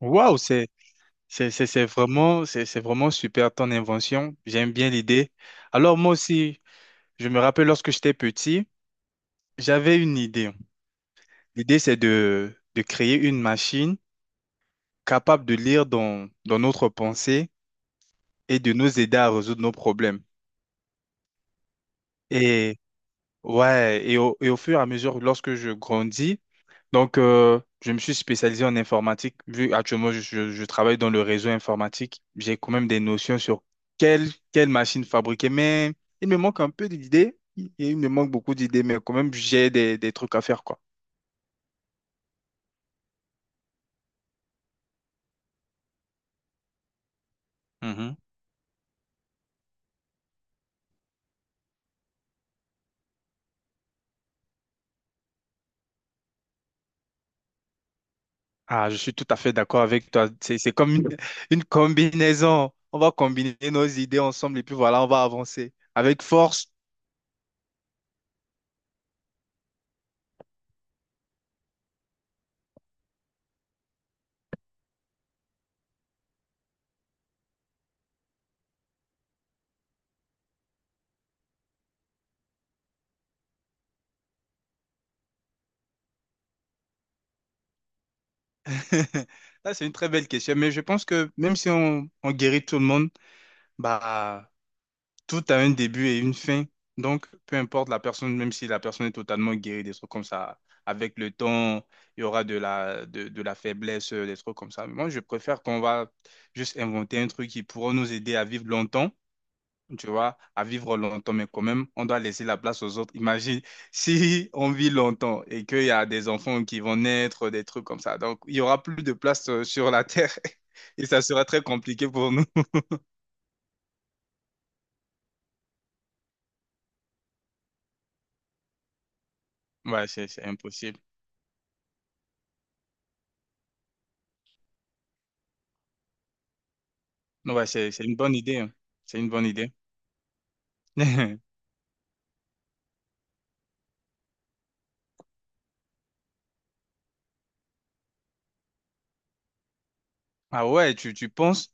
Waouh, c'est vraiment c'est vraiment super ton invention. J'aime bien l'idée. Alors moi aussi, je me rappelle lorsque j'étais petit, j'avais une idée. L'idée c'est de créer une machine capable de lire dans notre pensée et de nous aider à résoudre nos problèmes. Et ouais, et au fur et à mesure, lorsque je grandis, donc je me suis spécialisé en informatique. Vu actuellement, je travaille dans le réseau informatique, j'ai quand même des notions sur quelle, quelle machine fabriquer, mais il me manque un peu d'idées, il me manque beaucoup d'idées, mais quand même, j'ai des trucs à faire, quoi. Mhm. Ah, je suis tout à fait d'accord avec toi. C'est comme une, une combinaison. On va combiner nos idées ensemble et puis voilà, on va avancer avec force. Là, c'est une très belle question, mais je pense que même si on, on guérit tout le monde, bah, tout a un début et une fin. Donc, peu importe la personne, même si la personne est totalement guérie, des trucs comme ça, avec le temps, il y aura de la faiblesse, des trucs comme ça. Mais moi, je préfère qu'on va juste inventer un truc qui pourra nous aider à vivre longtemps, tu vois, à vivre longtemps, mais quand même, on doit laisser la place aux autres. Imagine si on vit longtemps et qu'il y a des enfants qui vont naître, des trucs comme ça. Donc, il y aura plus de place sur la Terre et ça sera très compliqué pour nous. Ouais, c'est impossible. Non, ouais, c'est une bonne idée, hein. C'est une bonne idée. Ah ouais, tu penses?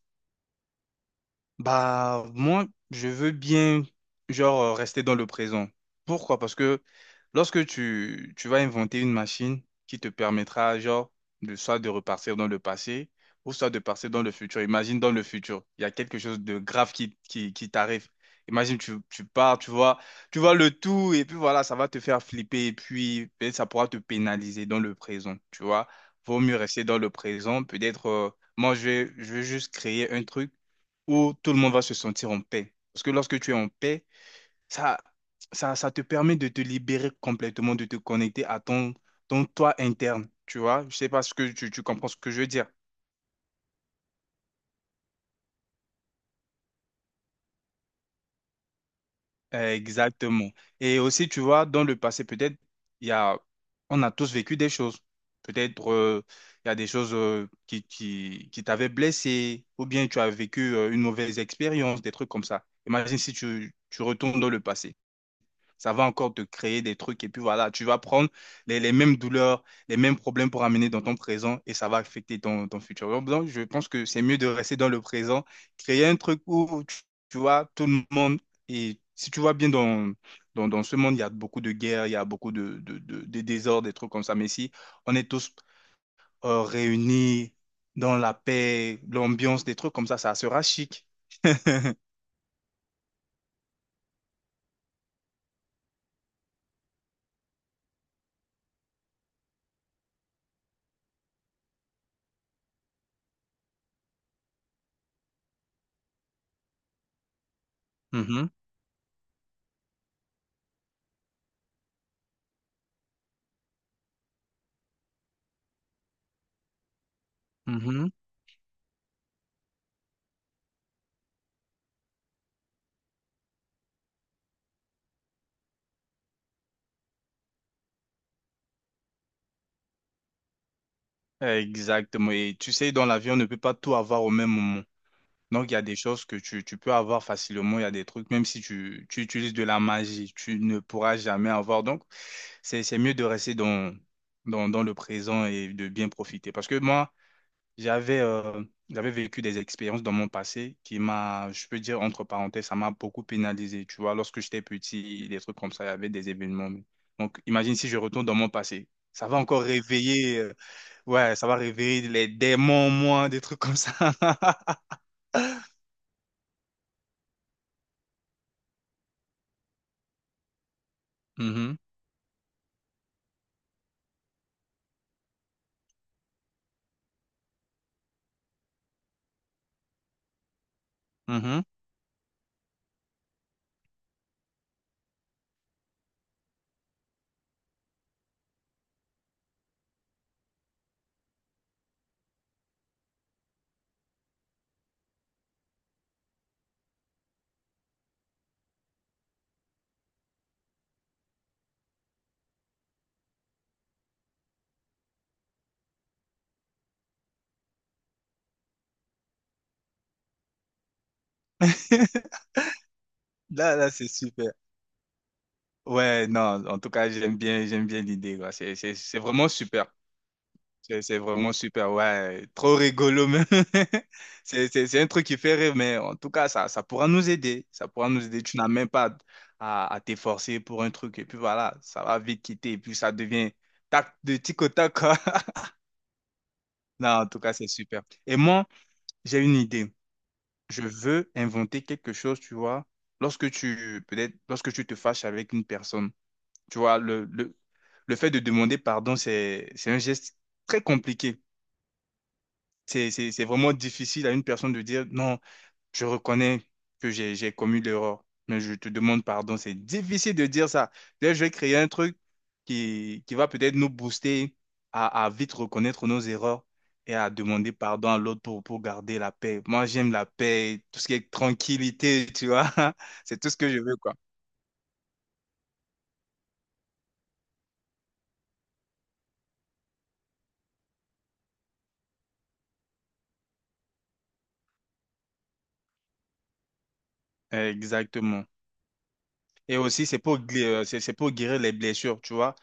Bah, moi, je veux bien, genre, rester dans le présent. Pourquoi? Parce que lorsque tu, tu vas inventer une machine qui te permettra, genre, de, soit de repartir dans le passé ou soit de partir dans le futur. Imagine dans le futur, il y a quelque chose de grave qui t'arrive. Imagine, tu pars, tu vois le tout et puis voilà, ça va te faire flipper et puis ben ça pourra te pénaliser dans le présent, tu vois. Vaut mieux rester dans le présent. Peut-être, moi, je vais juste créer un truc où tout le monde va se sentir en paix. Parce que lorsque tu es en paix, ça, ça te permet de te libérer complètement, de te connecter à ton, ton toi interne. Tu vois, je sais pas ce que tu comprends ce que je veux dire. Exactement. Et aussi, tu vois, dans le passé, peut-être, il y a, on a tous vécu des choses. Peut-être, il y a des choses qui t'avaient blessé, ou bien tu as vécu une mauvaise expérience, des trucs comme ça. Imagine si tu, tu retournes dans le passé. Ça va encore te créer des trucs et puis voilà, tu vas prendre les mêmes douleurs, les mêmes problèmes pour amener dans ton présent et ça va affecter ton, ton futur. Donc, je pense que c'est mieux de rester dans le présent, créer un truc où tu vois tout le monde et si tu vois bien dans, dans, dans ce monde, il y a beaucoup de guerres, il y a beaucoup de désordres, des trucs comme ça. Mais si on est tous réunis dans la paix, l'ambiance, des trucs comme ça sera chic. Mhm, mhm. Exactement. Et tu sais, dans la vie, on ne peut pas tout avoir au même moment. Donc, il y a des choses que tu peux avoir facilement. Il y a des trucs, même si tu, tu utilises de la magie, tu ne pourras jamais avoir. Donc, c'est mieux de rester dans, dans, dans le présent et de bien profiter. Parce que moi, j'avais euh, j'avais vécu des expériences dans mon passé qui m'a, je peux dire, entre parenthèses, ça m'a beaucoup pénalisé. Tu vois, lorsque j'étais petit, des trucs comme ça, il y avait des événements. Donc, imagine si je retourne dans mon passé. Ça va encore réveiller. Ouais, ça va réveiller les démons, moi, des trucs comme ça. Mhm, mhm. Là, là, c'est super. Ouais, non, en tout cas, j'aime bien l'idée, quoi. C'est vraiment super. C'est vraiment super, ouais. Trop rigolo, même. C'est un truc qui fait rire, mais en tout cas, ça pourra nous aider. Ça pourra nous aider. Tu n'as même pas à, à t'efforcer pour un truc. Et puis voilà, ça va vite quitter. Et puis ça devient tac, de tic au tac, quoi. Non, en tout cas, c'est super. Et moi, j'ai une idée. Je veux inventer quelque chose, tu vois. Lorsque tu, peut-être, lorsque tu te fâches avec une personne, tu vois, le fait de demander pardon, c'est un geste très compliqué. C'est vraiment difficile à une personne de dire non. Je reconnais que j'ai commis l'erreur, mais je te demande pardon. C'est difficile de dire ça. Là, je vais créer un truc qui va peut-être nous booster à vite reconnaître nos erreurs et à demander pardon à l'autre pour garder la paix. Moi, j'aime la paix, tout ce qui est tranquillité, tu vois. C'est tout ce que je veux, quoi. Exactement. Et aussi, c'est pour, c'est pour guérir les blessures, tu vois.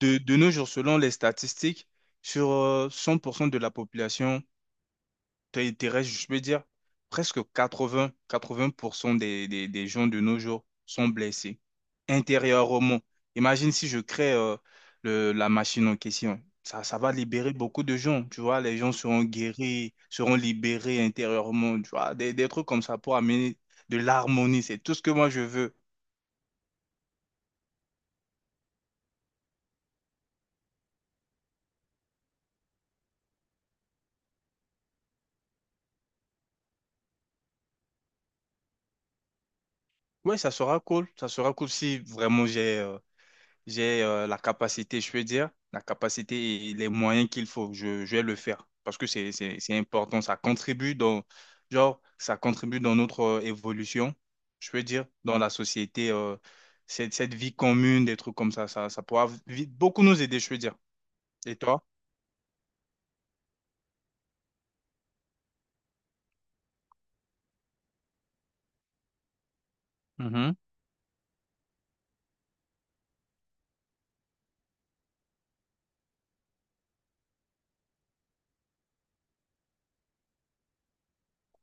De nos jours, selon les statistiques, sur 100% de la population, t'es restes, je peux dire, presque 80, 80% des gens de nos jours sont blessés intérieurement. Imagine si je crée le, la machine en question. Ça va libérer beaucoup de gens, tu vois. Les gens seront guéris, seront libérés intérieurement, tu vois. Des trucs comme ça pour amener de l'harmonie, c'est tout ce que moi je veux. Ouais, ça sera cool. Ça sera cool si vraiment j'ai la capacité, je peux dire, la capacité et les moyens qu'il faut. Je vais le faire parce que c'est important. Ça contribue dans, genre, ça contribue dans notre évolution, je peux dire, dans la société, cette, cette vie commune, des trucs comme ça pourra beaucoup nous aider, je peux dire. Et toi? Mhm,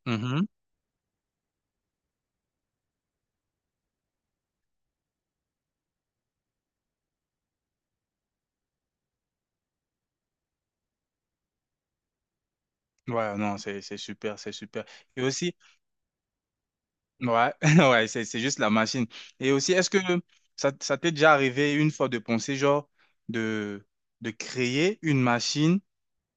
mhm. Ouais, non, c'est super, c'est super. Et aussi, ouais, ouais, c'est juste la machine. Et aussi, est-ce que ça t'est déjà arrivé une fois de penser, genre, de, de créer une machine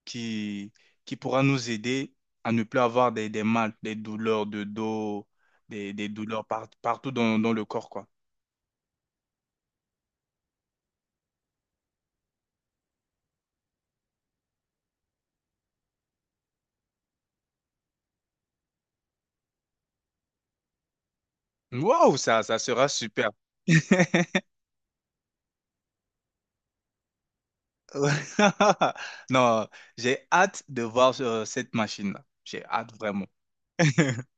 qui, qui pourra nous aider à ne plus avoir des mal, des douleurs de dos, des douleurs partout dans, dans le corps, quoi. Waouh, ça sera super. Ouais. Non, j'ai hâte de voir cette machine-là. J'ai hâte vraiment.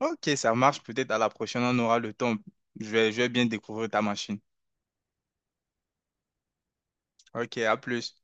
Ok, ça marche. Peut-être à la prochaine, on aura le temps. Je vais bien découvrir ta machine. Ok, à plus.